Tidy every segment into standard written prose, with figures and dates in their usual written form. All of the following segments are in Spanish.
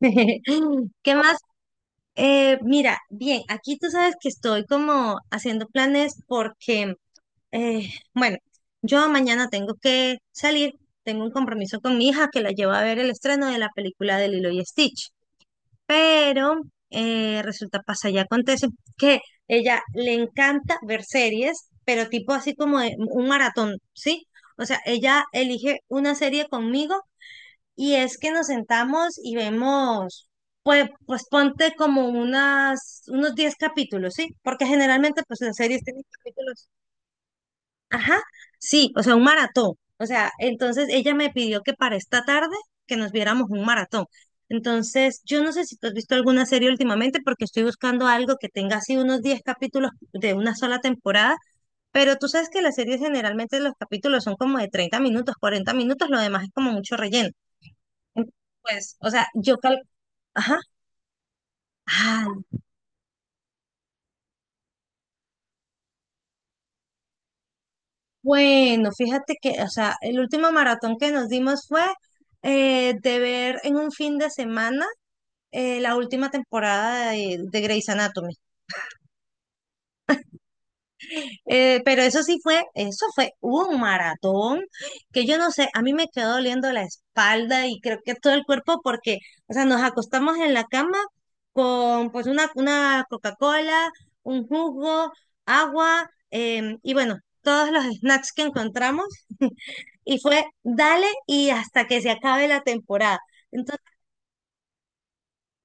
¿Qué más? Mira, bien, aquí tú sabes que estoy como haciendo planes porque, eh, bueno, yo mañana tengo que salir, tengo un compromiso con mi hija que la llevo a ver el estreno de la película de Lilo y Stitch, pero resulta, pasa y acontece que ella le encanta ver series, pero tipo así como de un maratón, ¿sí? O sea, ella elige una serie conmigo y es que nos sentamos y vemos, pues ponte como unos 10 capítulos, ¿sí? Porque generalmente pues las series tienen capítulos. Ajá, sí, o sea, un maratón. O sea, entonces ella me pidió que para esta tarde que nos viéramos un maratón. Entonces, yo no sé si tú has visto alguna serie últimamente porque estoy buscando algo que tenga así unos 10 capítulos de una sola temporada, pero tú sabes que las series generalmente los capítulos son como de 30 minutos, 40 minutos, lo demás es como mucho relleno. Entonces, pues, o sea, yo cal... Ajá. Ah, bueno, fíjate que, o sea, el último maratón que nos dimos fue de ver en un fin de semana la última temporada de Grey's Anatomy. Pero eso sí fue, eso fue un maratón que yo no sé, a mí me quedó doliendo la espalda y creo que todo el cuerpo porque, o sea, nos acostamos en la cama con pues una Coca-Cola, un jugo, agua y bueno, todos los snacks que encontramos y fue dale y hasta que se acabe la temporada.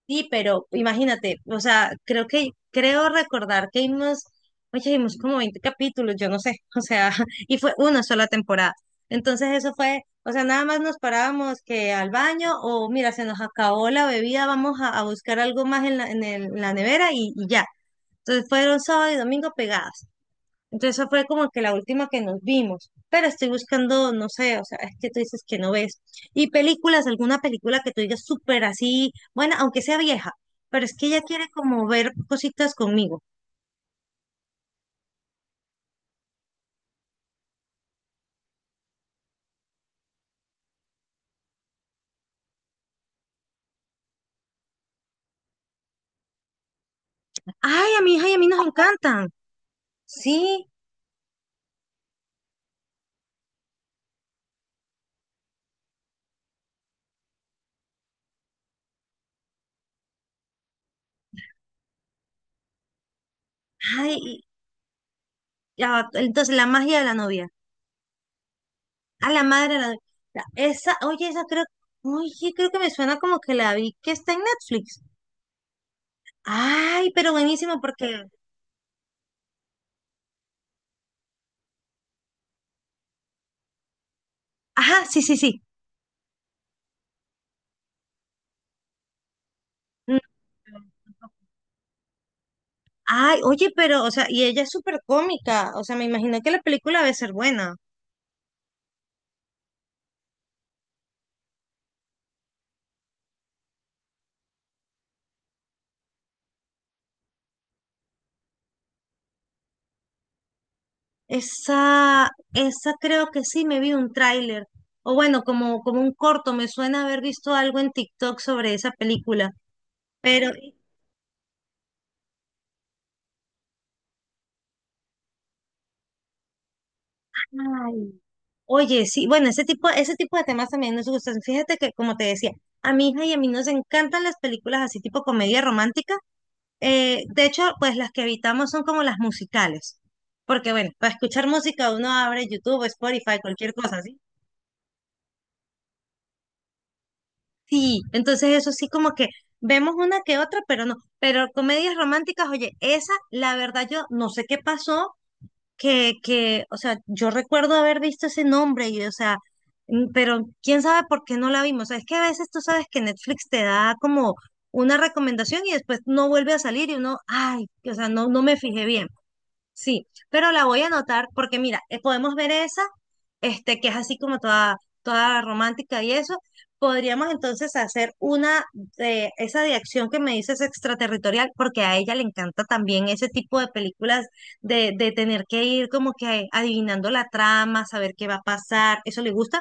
Sí, pero imagínate, o sea, creo recordar que vimos, oye, vimos como 20 capítulos, yo no sé, o sea, y fue una sola temporada. Entonces eso fue, o sea, nada más nos parábamos que al baño o mira, se nos acabó la bebida, vamos a buscar algo más en la nevera y ya. Entonces fueron sábado y domingo pegadas. Entonces esa fue como que la última que nos vimos, pero estoy buscando, no sé, o sea, es que tú dices que no ves. Y películas, alguna película que tú digas súper así, bueno, aunque sea vieja, pero es que ella quiere como ver cositas conmigo. Ay, a mi hija y a mí nos encantan. Sí, ay, ya va, entonces la magia de la novia, a la madre de la novia. La- Esa, oye, esa creo, oye, creo que me suena como que la vi que está en Netflix. Ay, pero buenísimo porque, ajá, sí, sí, sí. Ay, oye, pero, o sea, y ella es súper cómica, o sea, me imagino que la película debe ser buena. Esa creo que sí, me vi un tráiler, o bueno, como, como un corto, me suena haber visto algo en TikTok sobre esa película, pero, ay, oye, sí, bueno, ese tipo de temas también nos gustan. Fíjate que, como te decía, a mi hija y a mí nos encantan las películas así tipo comedia romántica. De hecho, pues las que evitamos son como las musicales, porque bueno, para escuchar música uno abre YouTube, Spotify, cualquier cosa, ¿sí? Sí, entonces eso sí como que vemos una que otra, pero no, pero comedias románticas, oye, esa, la verdad yo no sé qué pasó, o sea, yo recuerdo haber visto ese nombre y, o sea, mm, pero quién sabe por qué no la vimos, o sea, es que a veces tú sabes que Netflix te da como una recomendación y después no vuelve a salir y uno, ay, o sea, no, no me fijé bien. Sí, pero la voy a anotar porque mira, podemos ver esa, este, que es así como toda, toda romántica y eso. Podríamos entonces hacer una de esa de acción que me dices extraterritorial, porque a ella le encanta también ese tipo de películas de tener que ir como que adivinando la trama, saber qué va a pasar, eso le gusta.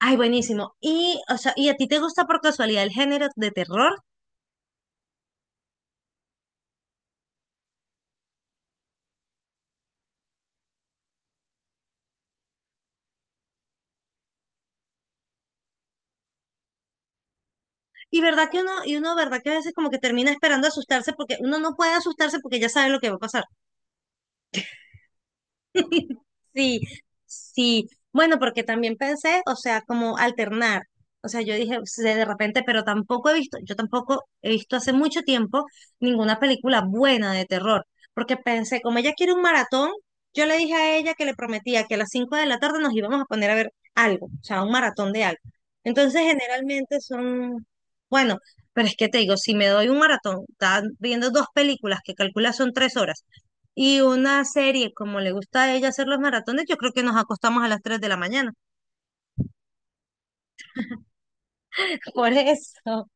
Ay, buenísimo. Y, o sea, ¿y a ti te gusta por casualidad el género de terror? Y verdad que uno, verdad que a veces como que termina esperando asustarse porque uno no puede asustarse porque ya sabe lo que va a pasar. Sí, sí. Bueno, porque también pensé, o sea, como alternar. O sea, yo dije, de repente, pero tampoco he visto, yo tampoco he visto hace mucho tiempo ninguna película buena de terror. Porque pensé, como ella quiere un maratón, yo le dije a ella que le prometía que a las 5 de la tarde nos íbamos a poner a ver algo, o sea, un maratón de algo. Entonces, generalmente son, bueno, pero es que te digo, si me doy un maratón, estás viendo dos películas que calcula son tres horas y una serie, como le gusta a ella hacer los maratones, yo creo que nos acostamos a las 3 de la mañana. Por eso.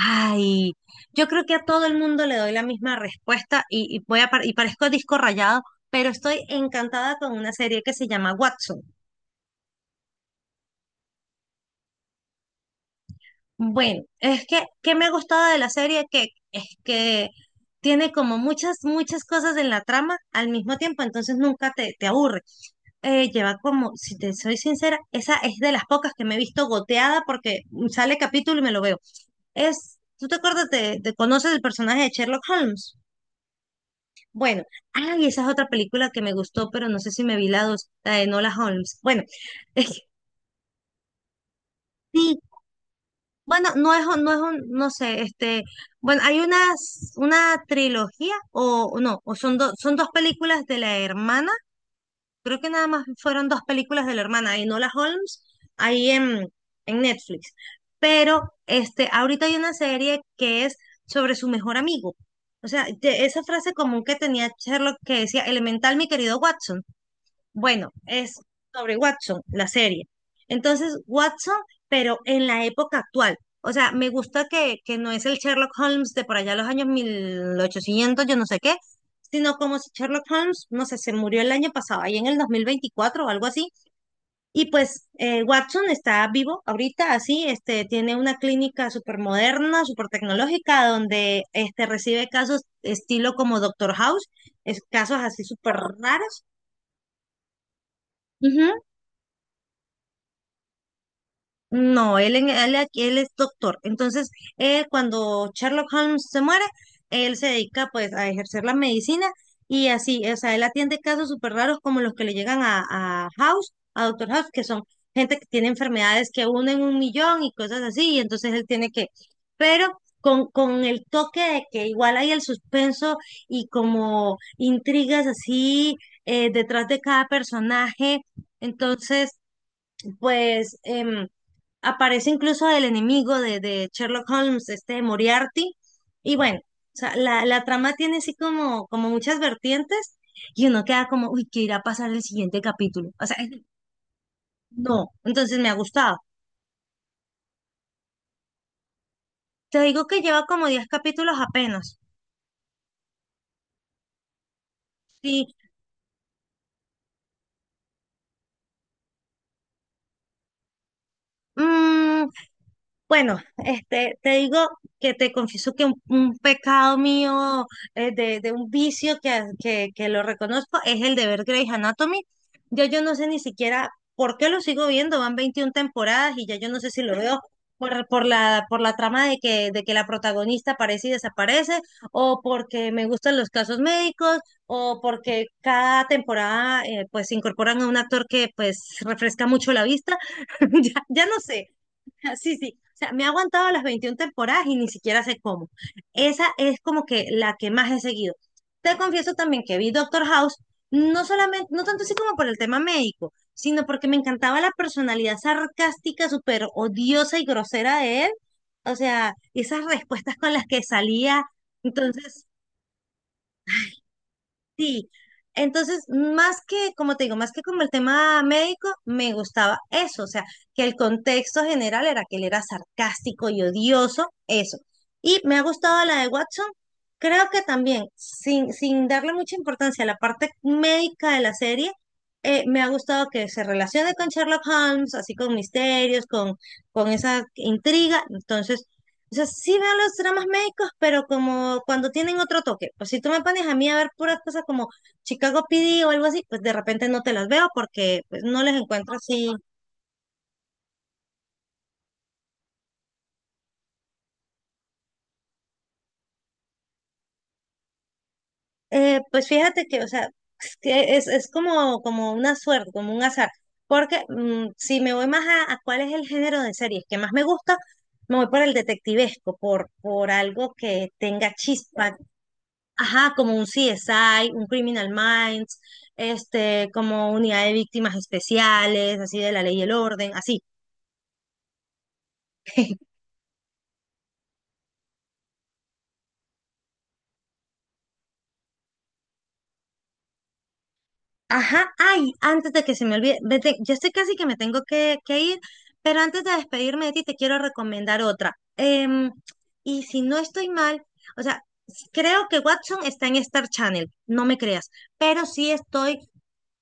Ay, yo creo que a todo el mundo le doy la misma respuesta y parezco disco rayado, pero estoy encantada con una serie que se llama Watson. Bueno, es que, ¿qué me ha gustado de la serie? Que es que tiene como muchas, muchas cosas en la trama al mismo tiempo, entonces nunca te aburre. Lleva como, si te soy sincera, esa es de las pocas que me he visto goteada porque sale capítulo y me lo veo. Es, ¿tú te acuerdas conoces el personaje de Sherlock Holmes? Bueno, ay, esa es otra película que me gustó, pero no sé si me vi la dos, la de Nola Holmes. Bueno, es- sí, bueno, no es, un- no es un, no sé, este, bueno, hay una trilogía o no, o son dos películas de la hermana. Creo que nada más fueron dos películas de la hermana, de Enola Holmes, ahí en Netflix. Pero este, ahorita hay una serie que es sobre su mejor amigo. O sea, de- esa frase común que tenía Sherlock que decía, elemental, mi querido Watson. Bueno, es sobre Watson, la serie. Entonces, Watson, pero en la época actual. O sea, me gusta que no es el Sherlock Holmes de por allá los años 1800, yo no sé qué, sino como si Sherlock Holmes, no sé, se murió el año pasado, ahí en el 2024 o algo así. Y pues Watson está vivo ahorita, así, este, tiene una clínica súper moderna, súper tecnológica, donde este, recibe casos estilo como Doctor House, es, casos así súper raros. Ujú. No, él es doctor. Entonces, él, cuando Sherlock Holmes se muere, él se dedica pues a ejercer la medicina y así, o sea, él atiende casos súper raros como los que le llegan a House, a Doctor House, que son gente que tiene enfermedades que unen un millón y cosas así, y entonces él tiene que, pero con el toque de que igual hay el suspenso y como intrigas así detrás de cada personaje. Entonces, pues... aparece incluso el enemigo de Sherlock Holmes, este Moriarty, y bueno, o sea, la trama tiene así como, como muchas vertientes y uno queda como, uy, ¿qué irá a pasar el siguiente capítulo? O sea, no, entonces me ha gustado. Te digo que lleva como 10 capítulos apenas. Sí, bueno, este, te digo que te confieso que un pecado mío, de un vicio que lo reconozco, es el de ver Grey's Anatomy. Yo no sé ni siquiera por qué lo sigo viendo, van 21 temporadas y ya yo no sé si lo veo por la trama de que la protagonista aparece y desaparece, o porque me gustan los casos médicos, o porque cada temporada pues incorporan a un actor que pues refresca mucho la vista. Ya, ya no sé. Sí, sí. O sea, me ha aguantado las 21 temporadas y ni siquiera sé cómo. Esa es como que la que más he seguido. Te confieso también que vi Doctor House, no solamente, no tanto así como por el tema médico, sino porque me encantaba la personalidad sarcástica, súper odiosa y grosera de él. O sea, esas respuestas con las que salía. Entonces, sí, entonces, más que, como te digo, más que como el tema médico, me gustaba eso, o sea, que el contexto general era que él era sarcástico y odioso, eso. Y me ha gustado la de Watson, creo que también, sin darle mucha importancia a la parte médica de la serie, me ha gustado que se relacione con Sherlock Holmes, así con misterios, con, esa intriga, entonces... O sea, sí veo los dramas médicos, pero como cuando tienen otro toque. Pues si tú me pones a mí a ver puras cosas como Chicago PD o algo así, pues de repente no te las veo porque pues, no les encuentro así. Pues fíjate que, o sea, es, que es como una suerte, como un azar. Porque mm, si me voy más a cuál es el género de series que más me gusta, me voy por el detectivesco, por algo que tenga chispa. Ajá, como un CSI, un Criminal Minds, este, como unidad de víctimas especiales, así de la ley y el orden, así. Ajá, ay, antes de que se me olvide, vete, yo estoy casi que me tengo que ir, pero antes de despedirme de ti, te quiero recomendar otra. Y si no estoy mal, o sea, creo que Watson está en Star Channel, no me creas, pero sí estoy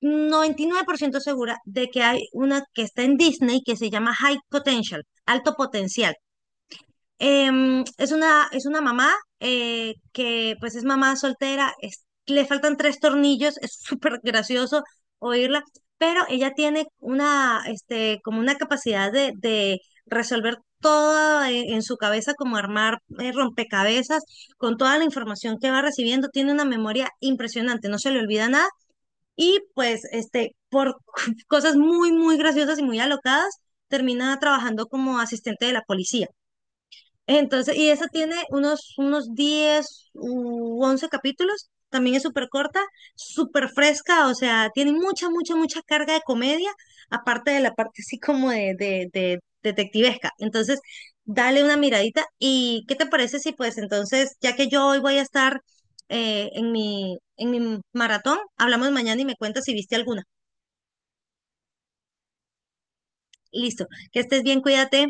99% segura de que hay una que está en Disney que se llama High Potential, Alto Potencial. Es una mamá que pues es mamá soltera, le faltan tres tornillos, es súper gracioso oírla, pero ella tiene este, como una capacidad de resolver todo en su cabeza, como armar rompecabezas con toda la información que va recibiendo, tiene una memoria impresionante, no se le olvida nada y pues este, por cosas muy, muy graciosas y muy alocadas, termina trabajando como asistente de la policía. Entonces, y esa tiene unos, 10, u 11 capítulos, también es súper corta, súper fresca, o sea, tiene mucha, mucha, mucha carga de comedia, aparte de la parte así como de, de detectivesca. Entonces, dale una miradita y ¿qué te parece si pues entonces, ya que yo hoy voy a estar en mi maratón, hablamos mañana y me cuentas si viste alguna. Listo, que estés bien, cuídate.